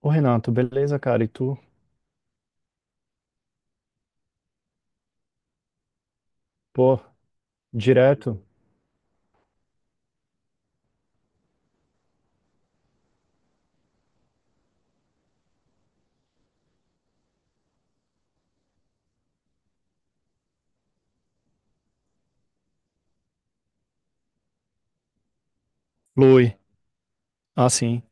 Ô Renato, beleza, cara? E tu? Pô, direto? Flui. Ah, sim.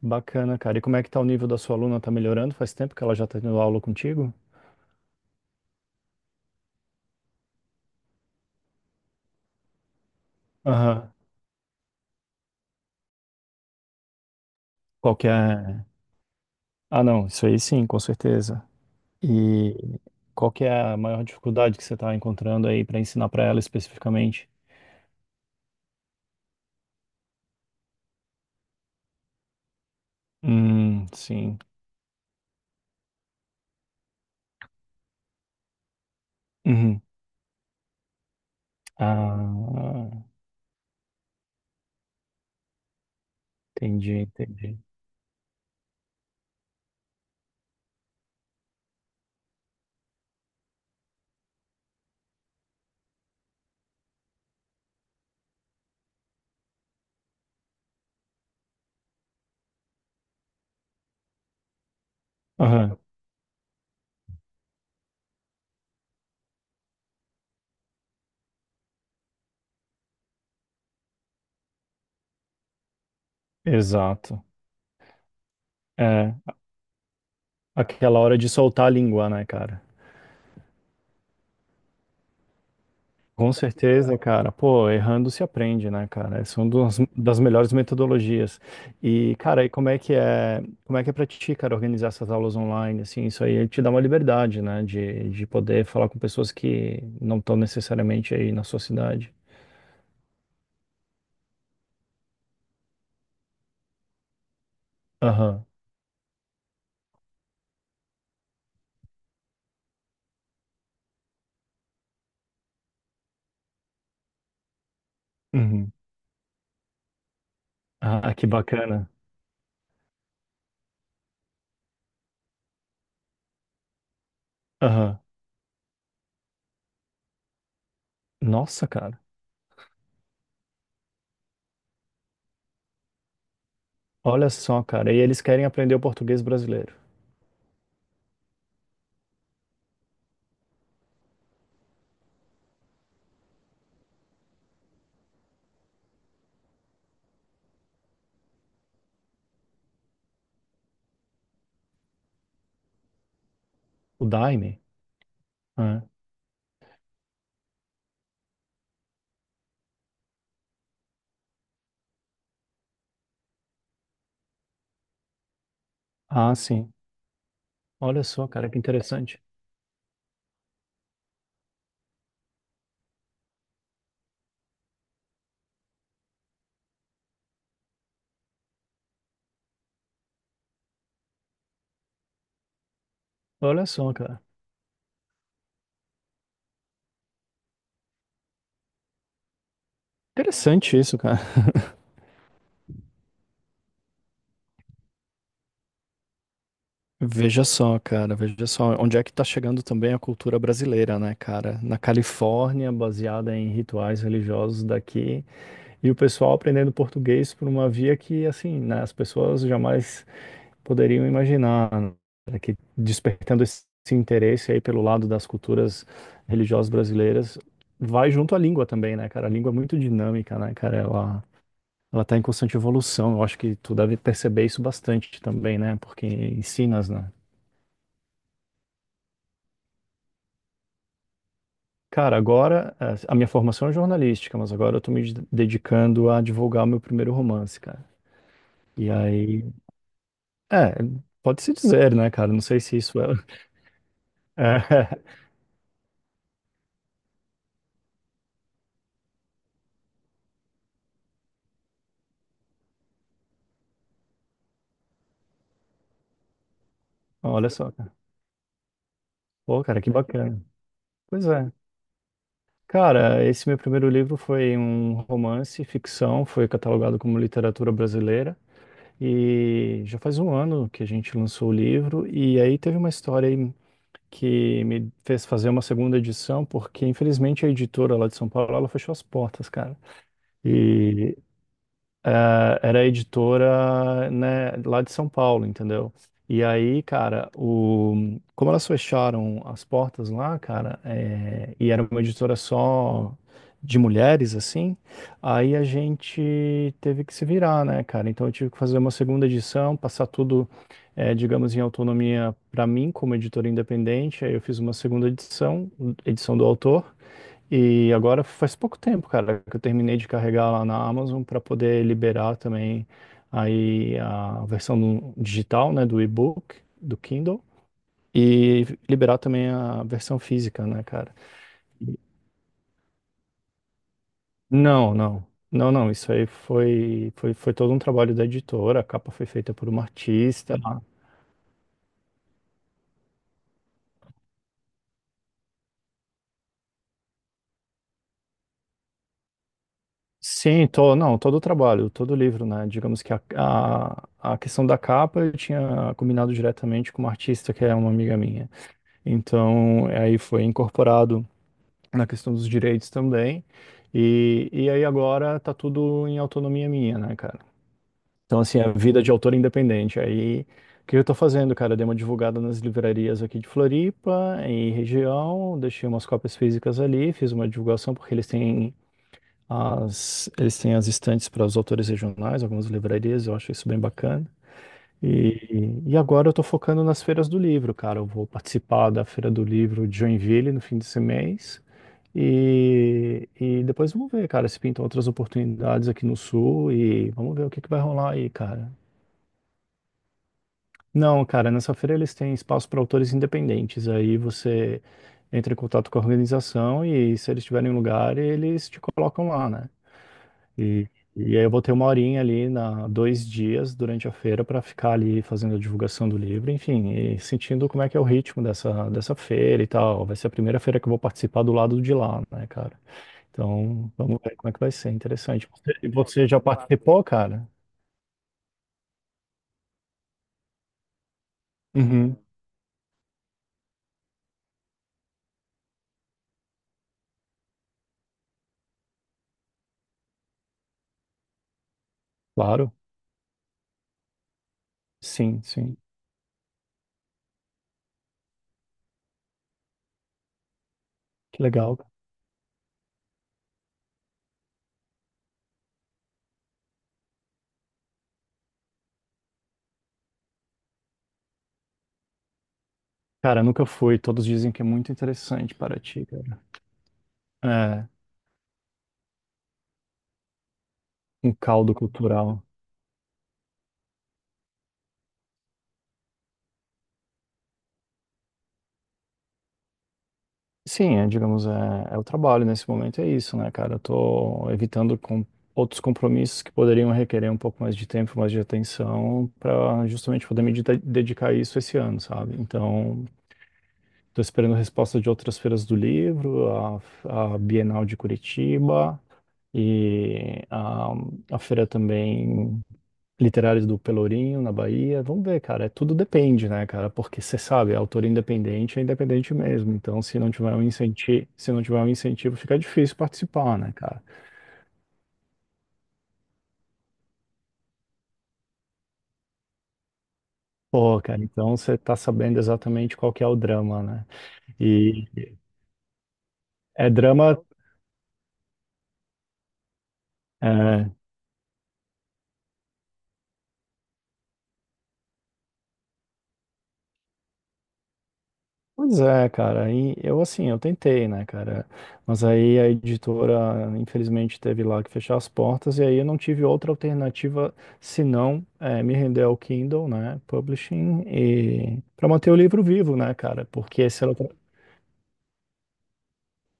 Bacana, cara. E como é que tá o nível da sua aluna? Tá melhorando? Faz tempo que ela já tá tendo aula contigo? Aham. Qual que é... Ah, não. Isso aí sim, com certeza. E qual que é a maior dificuldade que você tá encontrando aí pra ensinar pra ela especificamente? Sim. Uhum. Ah, entendi, entendi. Aham. Exato. É, aquela hora de soltar a língua, né, cara? Com certeza, cara. Pô, errando se aprende, né, cara? Essa é uma das, das melhores metodologias. E, cara, e como é que é, como é que é pra ti, cara, organizar essas aulas online, assim, isso aí te dá uma liberdade, né, de poder falar com pessoas que não estão necessariamente aí na sua cidade. Aham. Uhum. Ah, que bacana. Aham. Nossa, cara. Olha só, cara. E eles querem aprender o português brasileiro. O Daime. Né? Ah, sim. Olha só, cara, que interessante. Olha só, cara. Interessante isso, cara. Veja só, cara, veja só onde é que tá chegando também a cultura brasileira, né, cara? Na Califórnia, baseada em rituais religiosos daqui, e o pessoal aprendendo português por uma via que, assim, né, as pessoas jamais poderiam imaginar, né, que despertando esse interesse aí pelo lado das culturas religiosas brasileiras, vai junto à língua também, né, cara? A língua é muito dinâmica, né, cara? Ela tá em constante evolução. Eu acho que tu deve perceber isso bastante também, né? Porque ensinas, né? Cara, agora a minha formação é jornalística, mas agora eu tô dedicando a divulgar o meu primeiro romance, cara. E aí, é, pode-se dizer, né, cara? Não sei se isso é. É, olha só, cara. Pô, cara, que bacana. Pois é. Cara, esse meu primeiro livro foi um romance, ficção, foi catalogado como literatura brasileira. E já faz um ano que a gente lançou o livro, e aí teve uma história aí que me fez fazer uma segunda edição, porque infelizmente a editora lá de São Paulo, ela fechou as portas, cara. E eh, era editora, né, lá de São Paulo, entendeu? E aí, cara, o... como elas fecharam as portas lá, cara, e era uma editora só de mulheres, assim, aí a gente teve que se virar, né, cara? Então eu tive que fazer uma segunda edição, passar tudo, digamos, em autonomia para mim, como editora independente. Aí eu fiz uma segunda edição, edição do autor. E agora faz pouco tempo, cara, que eu terminei de carregar lá na Amazon para poder liberar também aí a versão no- digital, né, do e-book, do Kindle, e liberar também a versão física, né, cara? E- Não, não. Não, não, isso aí foi todo um trabalho da editora, a capa foi feita por uma artista. Ah. Sim, to, não, todo o trabalho, todo o livro, né? Digamos que a questão da capa eu tinha combinado diretamente com uma artista que é uma amiga minha. Então, aí foi incorporado na questão dos direitos também. E aí agora tá tudo em autonomia minha, né, cara? Então, assim, a vida de autor independente. Aí, o que eu tô fazendo, cara? Eu dei uma divulgada nas livrarias aqui de Floripa e região, deixei umas cópias físicas ali, fiz uma divulgação porque eles têm as estantes para os autores regionais, algumas livrarias, eu acho isso bem bacana. E agora eu tô focando nas feiras do livro, cara. Eu vou participar da Feira do Livro de Joinville no fim desse mês. E depois vamos ver, cara, se pintam outras oportunidades aqui no Sul e vamos ver o que que vai rolar aí, cara. Não, cara, nessa feira eles têm espaço para autores independentes. Aí você entra em contato com a organização e se eles tiverem lugar, eles te colocam lá, né? E, e aí eu vou ter uma horinha ali, na, dois dias durante a feira para ficar ali fazendo a divulgação do livro, enfim, e sentindo como é que é o ritmo dessa, dessa feira e tal. Vai ser a primeira feira que eu vou participar do lado de lá, né, cara? Então, vamos ver como é que vai ser, interessante. Você- E você já participou, cara? Uhum, claro, sim, sim. Que legal. Cara, nunca fui. Todos dizem que é muito interessante para ti, cara. É, um caldo cultural. Sim, é, digamos, é, é o trabalho nesse momento, é isso, né, cara? Eu tô evitando com outros compromissos que poderiam requerer um pouco mais de tempo, mais de atenção, para justamente poder dedicar a isso esse ano, sabe? Então, tô esperando resposta de outras feiras do livro, a Bienal de Curitiba e a feira também literários do Pelourinho, na Bahia. Vamos ver, cara. É, tudo depende, né, cara? Porque você sabe, é autor independente é independente mesmo. Então, se não tiver um incentivo, se não tiver um incentivo, fica difícil participar, né, cara? Pô, cara, então você tá sabendo exatamente qual que é o drama, né? E é drama. É, pois é, cara, aí eu assim, eu tentei, né, cara, mas aí a editora, infelizmente, teve lá que fechar as portas, e aí eu não tive outra alternativa senão me render ao Kindle, né, Publishing, e para manter o livro vivo, né, cara, porque se ela...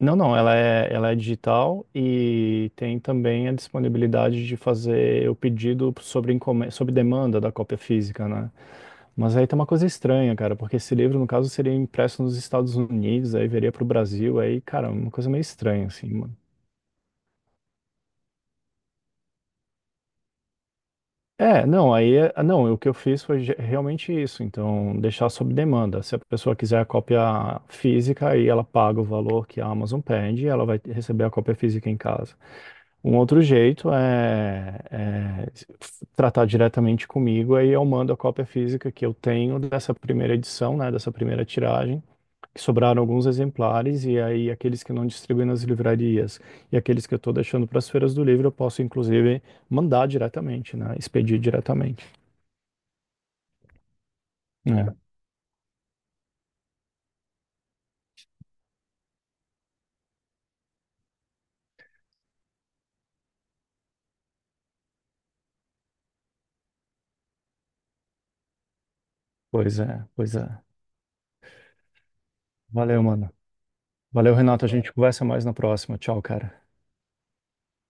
Não, não, ela é digital e tem também a disponibilidade de fazer o pedido sobre demanda da cópia física, né, mas aí tem uma coisa estranha, cara, porque esse livro, no caso, seria impresso nos Estados Unidos, aí viria pro Brasil, aí, cara, uma coisa meio estranha, assim, mano. É, não, aí, é- ah, não, o que eu fiz foi realmente isso, então, deixar sob demanda. Se a pessoa quiser a cópia física, aí ela paga o valor que a Amazon pede e ela vai receber a cópia física em casa. Um outro jeito é, é tratar diretamente comigo, aí eu mando a cópia física que eu tenho dessa primeira edição, né, dessa primeira tiragem, que sobraram alguns exemplares, e aí aqueles que não distribuem nas livrarias e aqueles que eu estou deixando para as feiras do livro, eu posso inclusive mandar diretamente, né? Expedir diretamente. É, pois é, pois é. Valeu, mano. Valeu, Renato. A gente conversa mais na próxima. Tchau, cara.